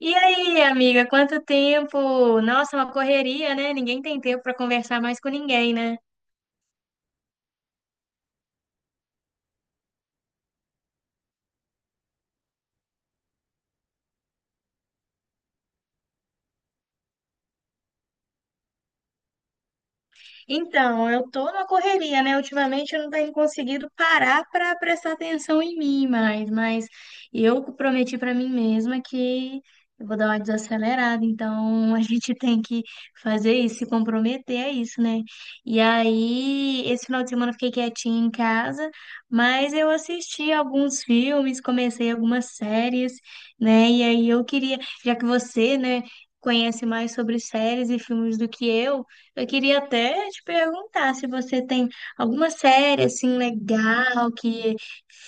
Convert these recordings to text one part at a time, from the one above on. E aí, amiga, quanto tempo? Nossa, uma correria, né? Ninguém tem tempo para conversar mais com ninguém, né? Então, eu tô na correria, né? Ultimamente eu não tenho conseguido parar para prestar atenção em mim mais, mas eu prometi para mim mesma que eu vou dar uma desacelerada, então a gente tem que fazer isso, se comprometer a isso, né? E aí, esse final de semana eu fiquei quietinha em casa, mas eu assisti alguns filmes, comecei algumas séries, né? E aí eu queria, já que você, né, conhece mais sobre séries e filmes do que eu queria até te perguntar se você tem alguma série assim legal que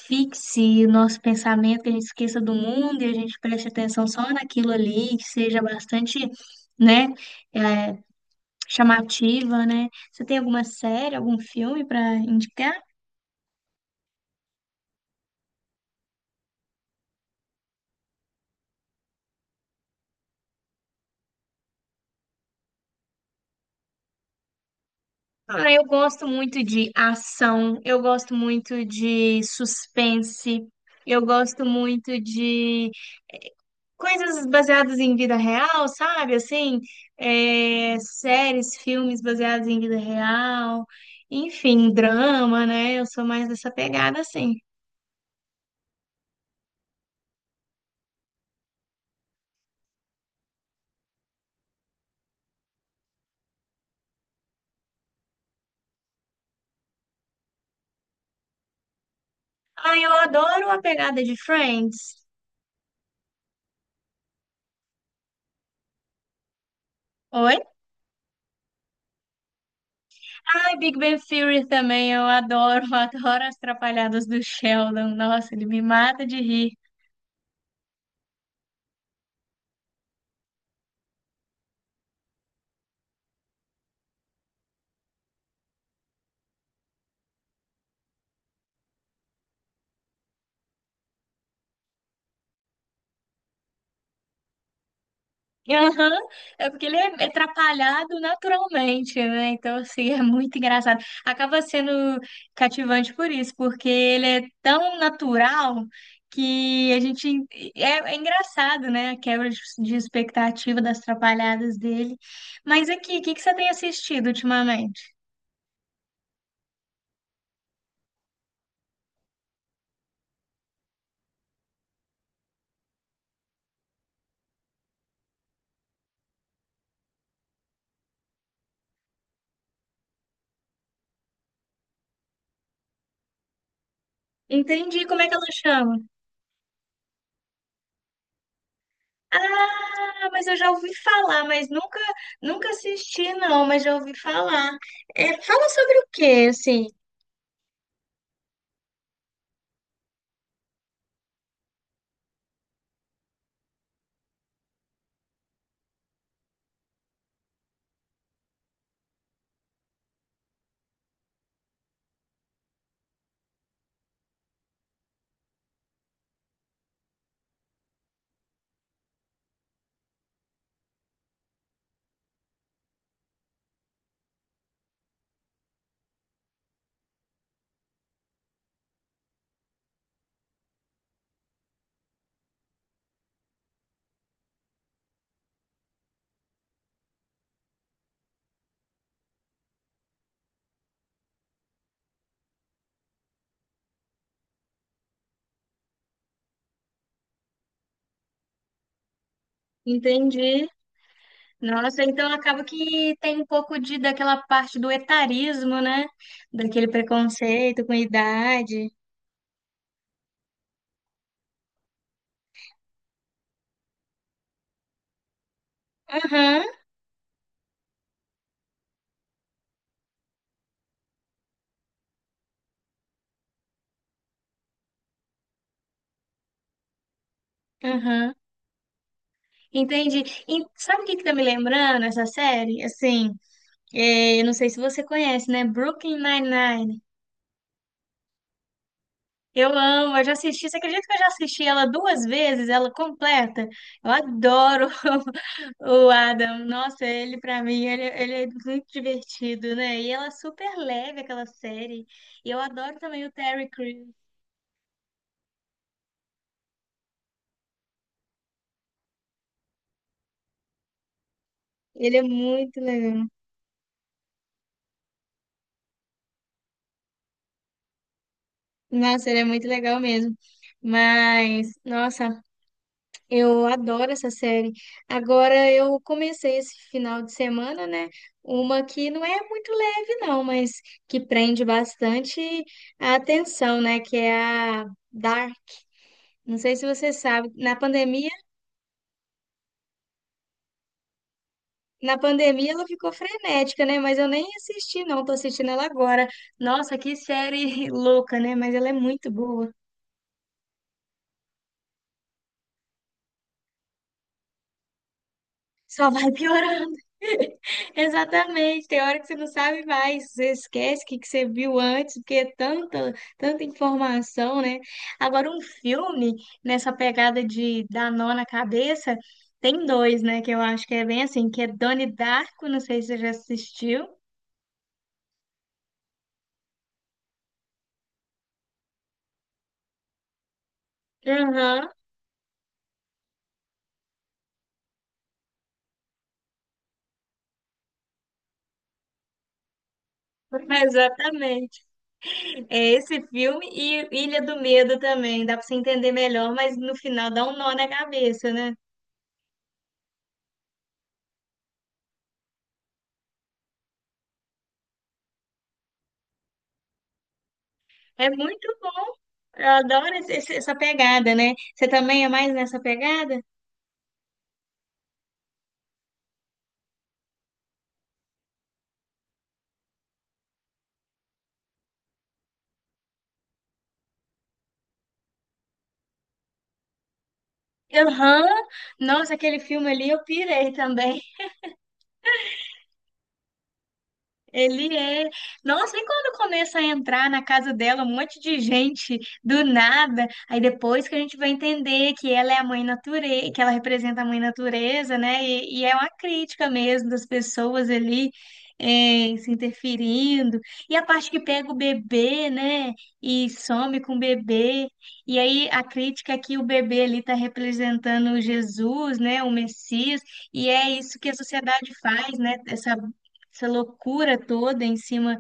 fixe o nosso pensamento, que a gente esqueça do mundo e a gente preste atenção só naquilo ali, que seja bastante, né, eh, chamativa, né? Você tem alguma série, algum filme para indicar? Ah, eu gosto muito de ação, eu gosto muito de suspense, eu gosto muito de coisas baseadas em vida real, sabe? Assim, é, séries, filmes baseados em vida real, enfim, drama, né? Eu sou mais dessa pegada, assim. Ah, eu adoro a pegada de Friends. Oi? Ai, Big Bang Theory também, eu adoro, adoro as trapalhadas do Sheldon. Nossa, ele me mata de rir. Aham. É porque ele é atrapalhado naturalmente, né? Então, assim, é muito engraçado. Acaba sendo cativante por isso, porque ele é tão natural que a gente. É, é engraçado, né? A quebra de expectativa das atrapalhadas dele. Mas aqui, o que que você tem assistido ultimamente? Entendi, como é que ela chama? Ah, mas eu já ouvi falar, mas nunca assisti, não, mas já ouvi falar. É, fala sobre o quê, assim? Entendi. Nossa, então acaba que tem um pouco de daquela parte do etarismo, né? Daquele preconceito com idade. Aham, aham. Entendi. E sabe o que que tá me lembrando essa série? Assim, eu não sei se você conhece, né? Brooklyn Nine-Nine. Eu amo, eu já assisti. Você acredita que eu já assisti ela duas vezes, ela completa? Eu adoro o Adam. Nossa, ele pra mim, ele é muito divertido, né? E ela é super leve, aquela série. E eu adoro também o Terry Crews. Ele é muito legal. Nossa, ele é muito legal mesmo. Mas, nossa, eu adoro essa série. Agora eu comecei esse final de semana, né? Uma que não é muito leve, não, mas que prende bastante a atenção, né? Que é a Dark. Não sei se você sabe, na pandemia ela ficou frenética, né? Mas eu nem assisti, não, tô assistindo ela agora. Nossa, que série louca, né? Mas ela é muito boa. Só vai piorando. Exatamente. Tem hora que você não sabe mais, você esquece o que que você viu antes, porque é tanta informação, né? Agora, um filme nessa pegada de dar nó na cabeça, tem dois, né? Que eu acho que é bem assim, que é Donnie Darko, não sei se você já assistiu. Aham, exatamente. É esse filme e Ilha do Medo também, dá pra você entender melhor, mas no final dá um nó na cabeça, né? É muito bom. Eu adoro essa pegada, né? Você também é mais nessa pegada? Aham. Nossa, aquele filme ali eu pirei também. Ele é. Nossa, e quando começa a entrar na casa dela um monte de gente do nada, aí depois que a gente vai entender que ela é a mãe natureza, que ela representa a mãe natureza, né? E é uma crítica mesmo das pessoas ali se interferindo. E a parte que pega o bebê, né? E some com o bebê. E aí a crítica é que o bebê ali está representando Jesus, né? O Messias. E é isso que a sociedade faz, né? Essa loucura toda em cima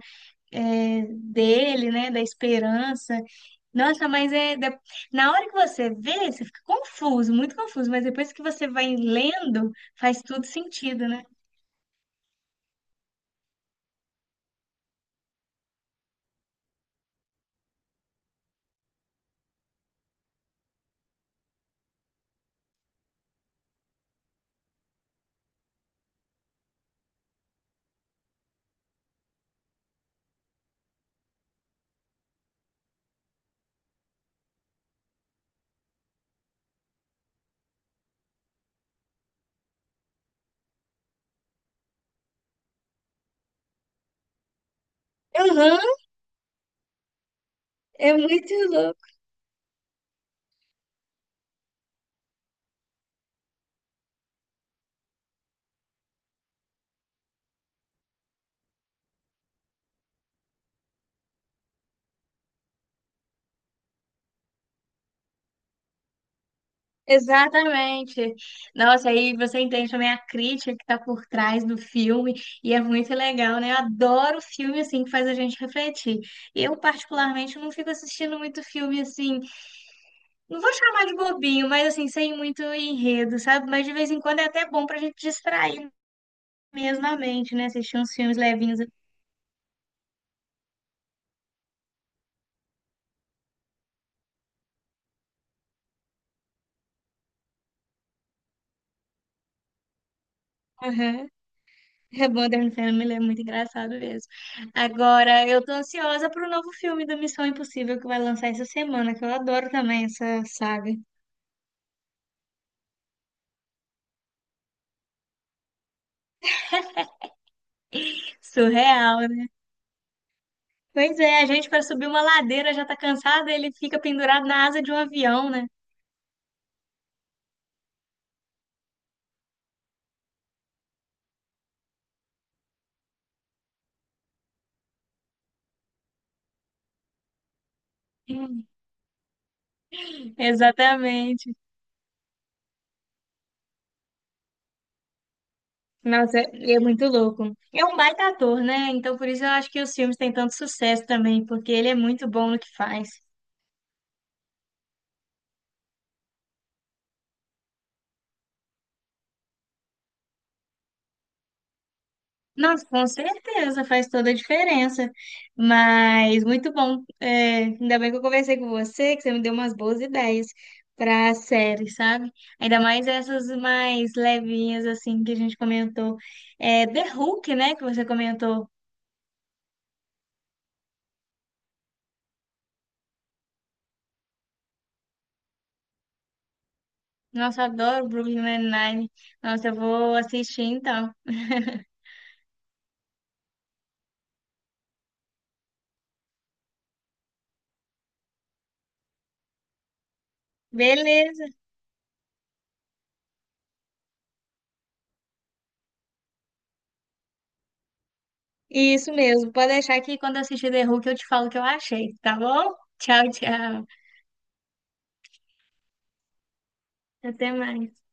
é, dele, né, da esperança. Nossa, mas é da- na hora que você vê, você fica confuso, muito confuso, mas depois que você vai lendo, faz tudo sentido, né? Uhum, é muito louco. Exatamente. Nossa, aí você entende também a crítica que tá por trás do filme, e é muito legal, né? Eu adoro filme assim que faz a gente refletir. Eu, particularmente, não fico assistindo muito filme assim. Não vou chamar de bobinho, mas assim, sem muito enredo, sabe? Mas de vez em quando é até bom pra gente distrair mesmo a mente, né? Assistir uns filmes levinhos. Aham. É bom, Modern Family é muito engraçado mesmo. Agora, eu tô ansiosa pro novo filme do Missão Impossível que vai lançar essa semana, que eu adoro também essa saga. Surreal, né? Pois é, a gente para subir uma ladeira já tá cansada, ele fica pendurado na asa de um avião, né? Hum. Exatamente. Nossa, é muito louco. É um baita ator, né? Então por isso eu acho que os filmes têm tanto sucesso também, porque ele é muito bom no que faz. Nossa, com certeza, faz toda a diferença. Mas muito bom. É, ainda bem que eu conversei com você, que você me deu umas boas ideias para série, sabe? Ainda mais essas mais levinhas, assim, que a gente comentou. É, The Hulk, né? Que você comentou. Nossa, eu adoro Brooklyn Nine-Nine. Nossa, eu vou assistir então. Beleza. Isso mesmo. Pode deixar que quando eu assistir The Hulk eu te falo o que eu achei, tá bom? Tchau, tchau. Até mais.